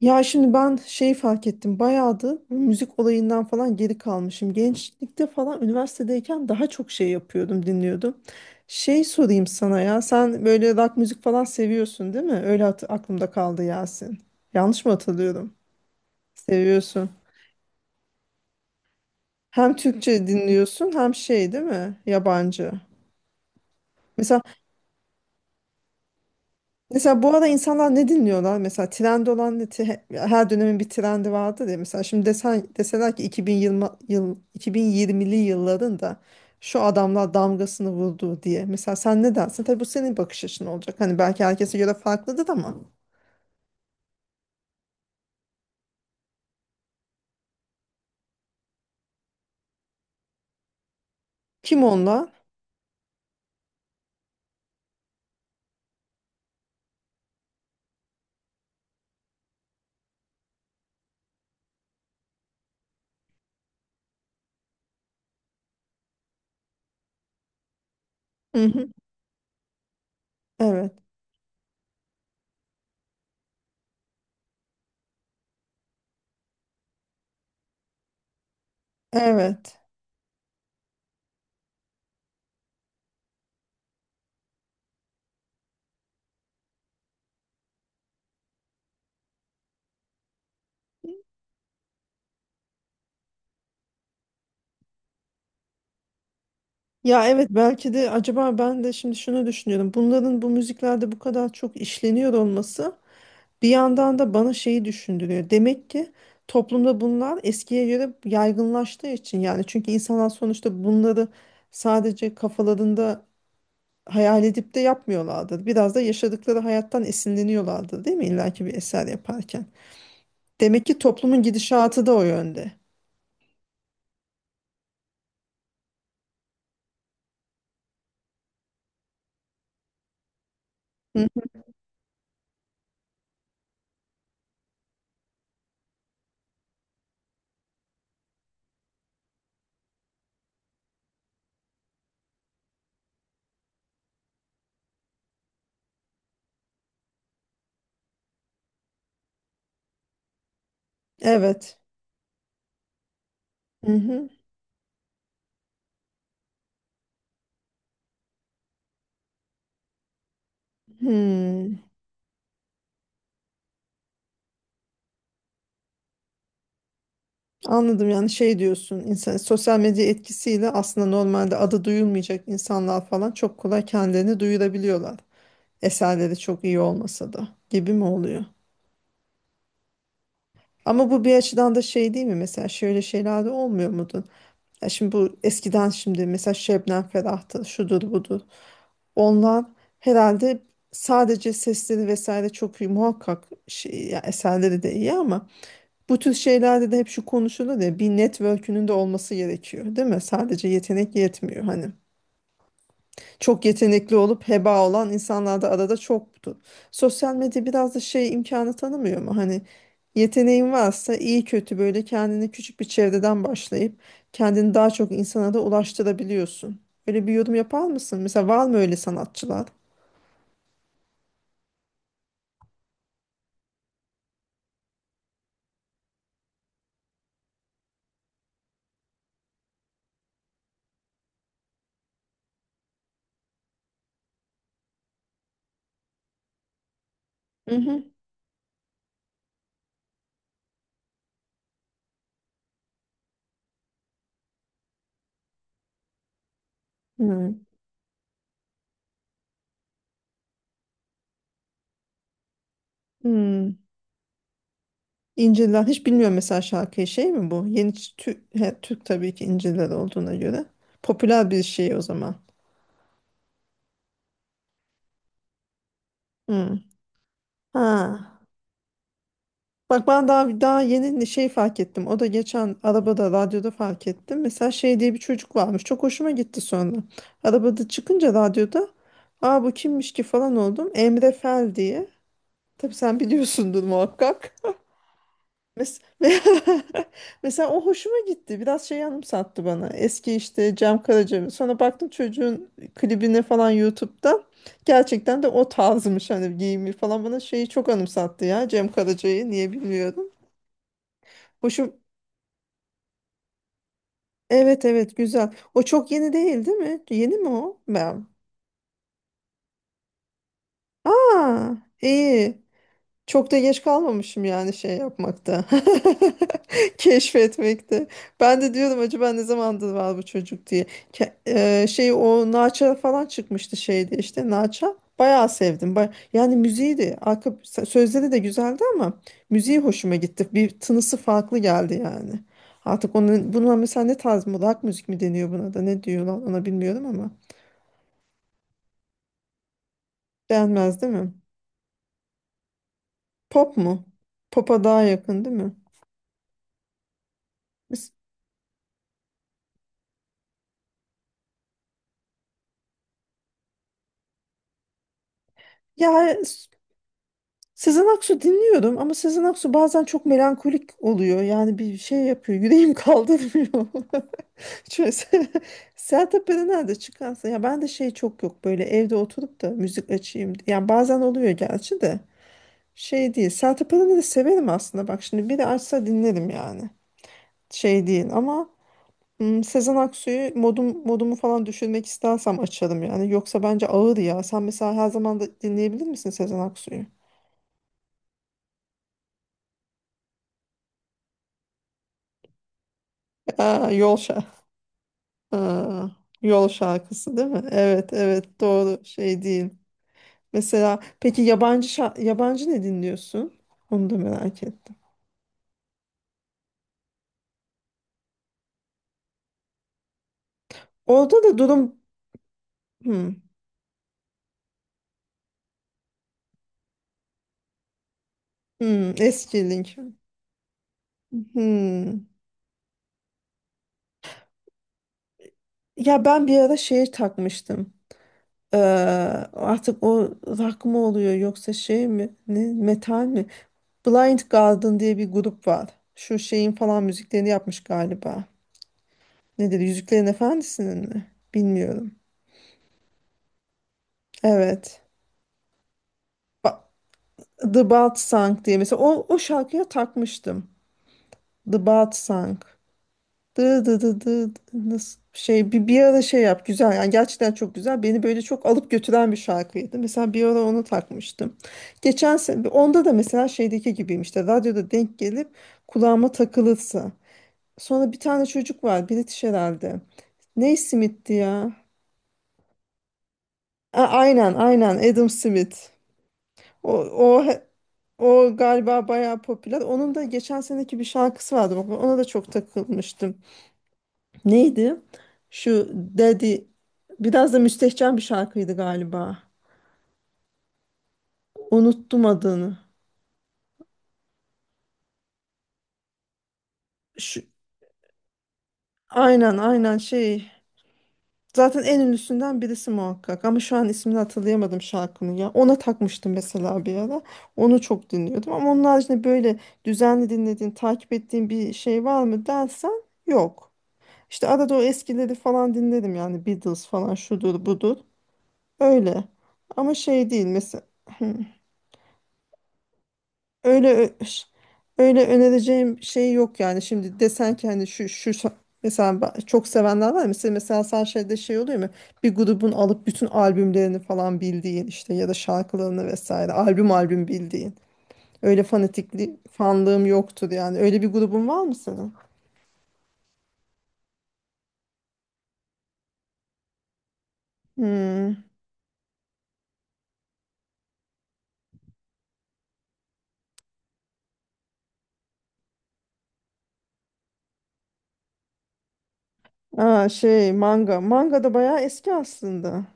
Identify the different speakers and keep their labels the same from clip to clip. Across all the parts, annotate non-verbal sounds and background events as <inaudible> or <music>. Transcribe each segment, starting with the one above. Speaker 1: Ya şimdi ben fark ettim. Bayağıdır bu müzik olayından falan geri kalmışım. Gençlikte falan üniversitedeyken daha çok yapıyordum, dinliyordum. Sorayım sana ya. Sen böyle rock müzik falan seviyorsun, değil mi? Öyle aklımda kaldı Yasin. Yanlış mı hatırlıyorum? Seviyorsun. Hem Türkçe dinliyorsun hem değil mi? Yabancı. Mesela Mesela bu ara insanlar ne dinliyorlar? Mesela trend olan ne? Her dönemin bir trendi vardır ya. Mesela şimdi desen, deseler ki 2020 2020'li yılların da şu adamlar damgasını vurdu diye. Mesela sen ne dersin? Tabii bu senin bakış açın olacak. Hani belki herkese göre farklıdır ama. Kim onlar? Hı hı. Evet. Evet. Ya evet, belki de acaba ben de şimdi şunu düşünüyorum. Bunların bu müziklerde bu kadar çok işleniyor olması bir yandan da bana düşündürüyor. Demek ki toplumda bunlar eskiye göre yaygınlaştığı için, yani çünkü insanlar sonuçta bunları sadece kafalarında hayal edip de yapmıyorlardır. Biraz da yaşadıkları hayattan esinleniyorlardır, değil mi? İlla ki bir eser yaparken. Demek ki toplumun gidişatı da o yönde. Hı, evet. Hı hı. Hmm. Anladım, yani diyorsun insan sosyal medya etkisiyle aslında normalde adı duyulmayacak insanlar falan çok kolay kendilerini duyurabiliyorlar. Eserleri çok iyi olmasa da gibi mi oluyor? Ama bu bir açıdan da değil mi? Mesela şöyle şeyler de olmuyor mudur? Ya şimdi bu eskiden şimdi mesela Şebnem Ferah'tır, şudur budur. Onlar herhalde sadece sesleri vesaire çok iyi muhakkak ya eserleri de iyi ama bu tür şeylerde de hep şu konuşulur ya, bir network'ünün de olması gerekiyor, değil mi? Sadece yetenek yetmiyor hani. Çok yetenekli olup heba olan insanlar da arada çoktu. Sosyal medya biraz da imkanı tanımıyor mu? Hani yeteneğin varsa iyi kötü böyle kendini küçük bir çevreden başlayıp kendini daha çok insana da ulaştırabiliyorsun. Öyle bir yorum yapar mısın? Mesela var mı öyle sanatçılar? Hı hı. Hı. Hmm. İncirler hiç bilmiyorum, mesela şarkıyı mi bu? Yeni Türk, Türk tabii ki İncirler olduğuna göre. Popüler bir şey o zaman. Hı. Ha. Bak ben daha yeni fark ettim. O da geçen arabada radyoda fark ettim. Mesela diye bir çocuk varmış. Çok hoşuma gitti sonra. Arabada çıkınca radyoda, aa bu kimmiş ki falan oldum. Emre Fel diye. Tabii sen biliyorsundur muhakkak. <laughs> Mes- <laughs> Mesela o hoşuma gitti. Biraz anımsattı bana. Eski işte Cem Karaca. Sonra baktım çocuğun klibine falan YouTube'da. Gerçekten de o tarzmış, hani giyimi falan bana çok anımsattı ya, Cem Karaca'yı niye bilmiyorum. Hoşum Evet evet, güzel. O çok yeni değil, değil mi? Yeni mi o? Ben. Aa, iyi. Çok da geç kalmamışım yani yapmakta. <laughs> Keşfetmekte. Ben de diyordum acaba ne zamandır var bu çocuk diye. Ke- O Naça falan çıkmıştı şeydi işte Naça. Bayağı sevdim. Yani müziği de arka sözleri de güzeldi ama müziği hoşuma gitti. Bir tınısı farklı geldi yani. Artık onun buna mesela ne tarz mı, rock müzik mi deniyor buna, da ne diyorlar ona bilmiyorum ama beğenmez değil mi? Pop mu? Pop'a daha yakın değil mi? Mes- Ya Sezen Aksu dinliyorum ama Sezen Aksu bazen çok melankolik oluyor. Yani bir yapıyor. Yüreğim <laughs> kaldırmıyor. <laughs> Çünkü Se- Sertab Erener de çıkarsa ya, ben de çok yok böyle evde oturup da müzik açayım. Yani bazen oluyor gerçi de değil. Sertab Erener'i severim aslında. Bak şimdi biri açsa dinlerim yani. Değil ama hmm, Sezen Aksu'yu modumu falan düşürmek istersem açarım yani. Yoksa bence ağır ya. Sen mesela her zaman da dinleyebilir misin Sezen Aksu'yu? <laughs> Aa, yol şarkı. Aa, yol şarkısı değil mi? Evet evet, doğru değil. Mesela peki yabancı ne dinliyorsun? Onu da merak ettim. Orada da durum hmm, hmm, eski Linkin. Hmm. Ya ben bir ara şeye takmıştım. Ee, Artık o rock mı oluyor yoksa mi? Ne, metal mi? Blind Guardian diye bir grup var. Şu falan müziklerini yapmış galiba. Ne dedi? Yüzüklerin Efendisi'nin mi? Bilmiyorum. Evet. Ba- The Bat Sang diye mesela o şarkıya takmıştım. The Bat Sang. Dı dı dı dı dı- Nasıl bir, bir ara şey yap güzel yani, gerçekten çok güzel, beni böyle çok alıp götüren bir şarkıydı. Mesela bir ara onu takmıştım geçen sene. Onda da mesela şeydeki gibiyim, işte radyoda denk gelip kulağıma takılırsa. Sonra bir tane çocuk var, British herhalde, ne Smith'ti ya. Aynen aynen, Adam Smith. o, o O galiba bayağı popüler. Onun da geçen seneki bir şarkısı vardı. Bak, ona da çok takılmıştım. Neydi? Şu Daddy. Biraz da müstehcen bir şarkıydı galiba. Unuttum adını. Şu, aynen aynen şey. Zaten en ünlüsünden birisi muhakkak. Ama şu an ismini hatırlayamadım şarkının ya. Ona takmıştım mesela bir ara. Onu çok dinliyordum. Ama onun haricinde böyle düzenli dinlediğin, takip ettiğin bir şey var mı dersen, yok. İşte arada o eskileri falan dinledim yani, Beatles falan şudur budur. Öyle. Ama değil mesela. <clears throat> öyle ö- ş- Öyle önereceğim yok. Yani şimdi desen ki hani mesela çok sevenler var ya, mesela sen şeyde şey oluyor mu, bir grubun alıp bütün albümlerini falan bildiğin, işte ya da şarkılarını vesaire albüm albüm bildiğin, öyle fanlığım yoktur yani. Öyle bir grubun var mı senin? Hmm. Aa, manga da bayağı eski aslında.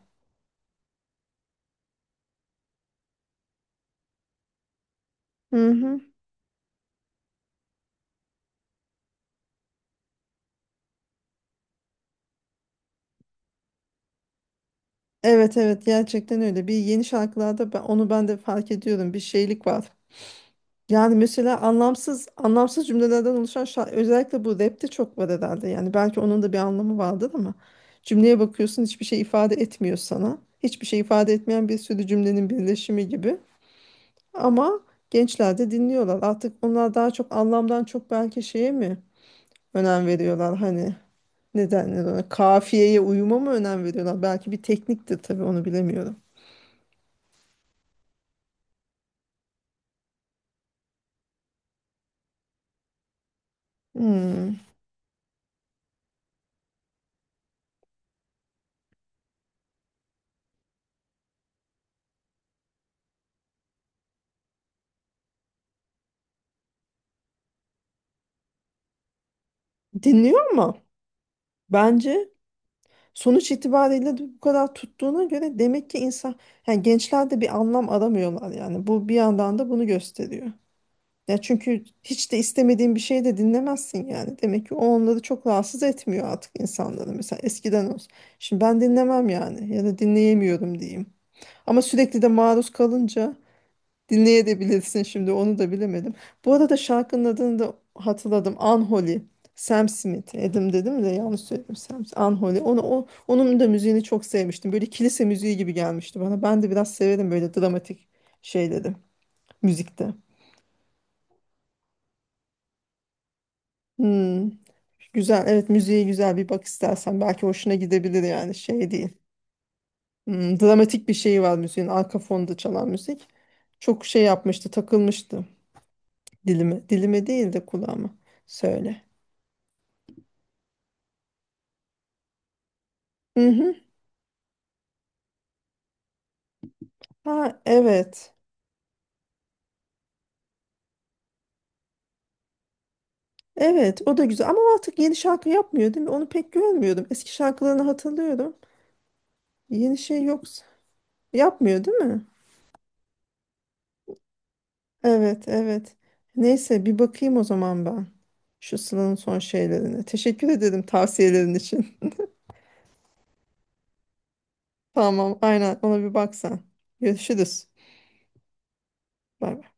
Speaker 1: Hı hı. Evet evet, gerçekten öyle. Bir, yeni şarkılarda onu ben de fark ediyorum. Bir şeylik var. Yani mesela anlamsız anlamsız cümlelerden oluşan şarkı özellikle bu rapte çok var herhalde. Yani belki onun da bir anlamı vardır ama cümleye bakıyorsun hiçbir şey ifade etmiyor sana. Hiçbir şey ifade etmeyen bir sürü cümlenin birleşimi gibi. Ama gençler de dinliyorlar. Artık onlar daha çok anlamdan çok belki şeye mi önem veriyorlar, hani ne denir ona? Kafiyeye uyuma mı önem veriyorlar? Belki bir tekniktir tabii, onu bilemiyorum. Hmm. Dinliyor ama bence sonuç itibariyle de bu kadar tuttuğuna göre demek ki insan, yani gençler de bir anlam aramıyorlar, yani bu bir yandan da bunu gösteriyor. Ya çünkü hiç de istemediğin bir şey de dinlemezsin yani. Demek ki o onları çok rahatsız etmiyor artık, insanları. Mesela eskiden olsun. Şimdi ben dinlemem yani, ya da dinleyemiyorum diyeyim. Ama sürekli de maruz kalınca dinleyebilirsin, şimdi onu da bilemedim. Bu arada şarkının adını da hatırladım. Unholy. Sam Smith. Dedim de yanlış söyledim. Sam Unholy. Onun da müziğini çok sevmiştim. Böyle kilise müziği gibi gelmişti bana. Ben de biraz severim böyle dramatik şeyleri müzikte. Hmm. Güzel. Evet, müziğe güzel bir bak istersen. Belki hoşuna gidebilir yani değil. Hmm, dramatik bir şeyi var müziğin. Arka fonda çalan müzik. Çok yapmıştı, takılmıştı dilime. Dilime değil de kulağıma. Söyle. Hı hı. Ha evet. Evet o da güzel ama artık yeni şarkı yapmıyor değil mi? Onu pek görmüyordum. Eski şarkılarını hatırlıyorum. Yeni yok. Yapmıyor değil mi? Evet evet. Neyse bir bakayım o zaman ben. Şu Sıla'nın son şeylerine. Teşekkür ederim tavsiyelerin için. <laughs> Tamam aynen, ona bir baksan. Görüşürüz. Bye.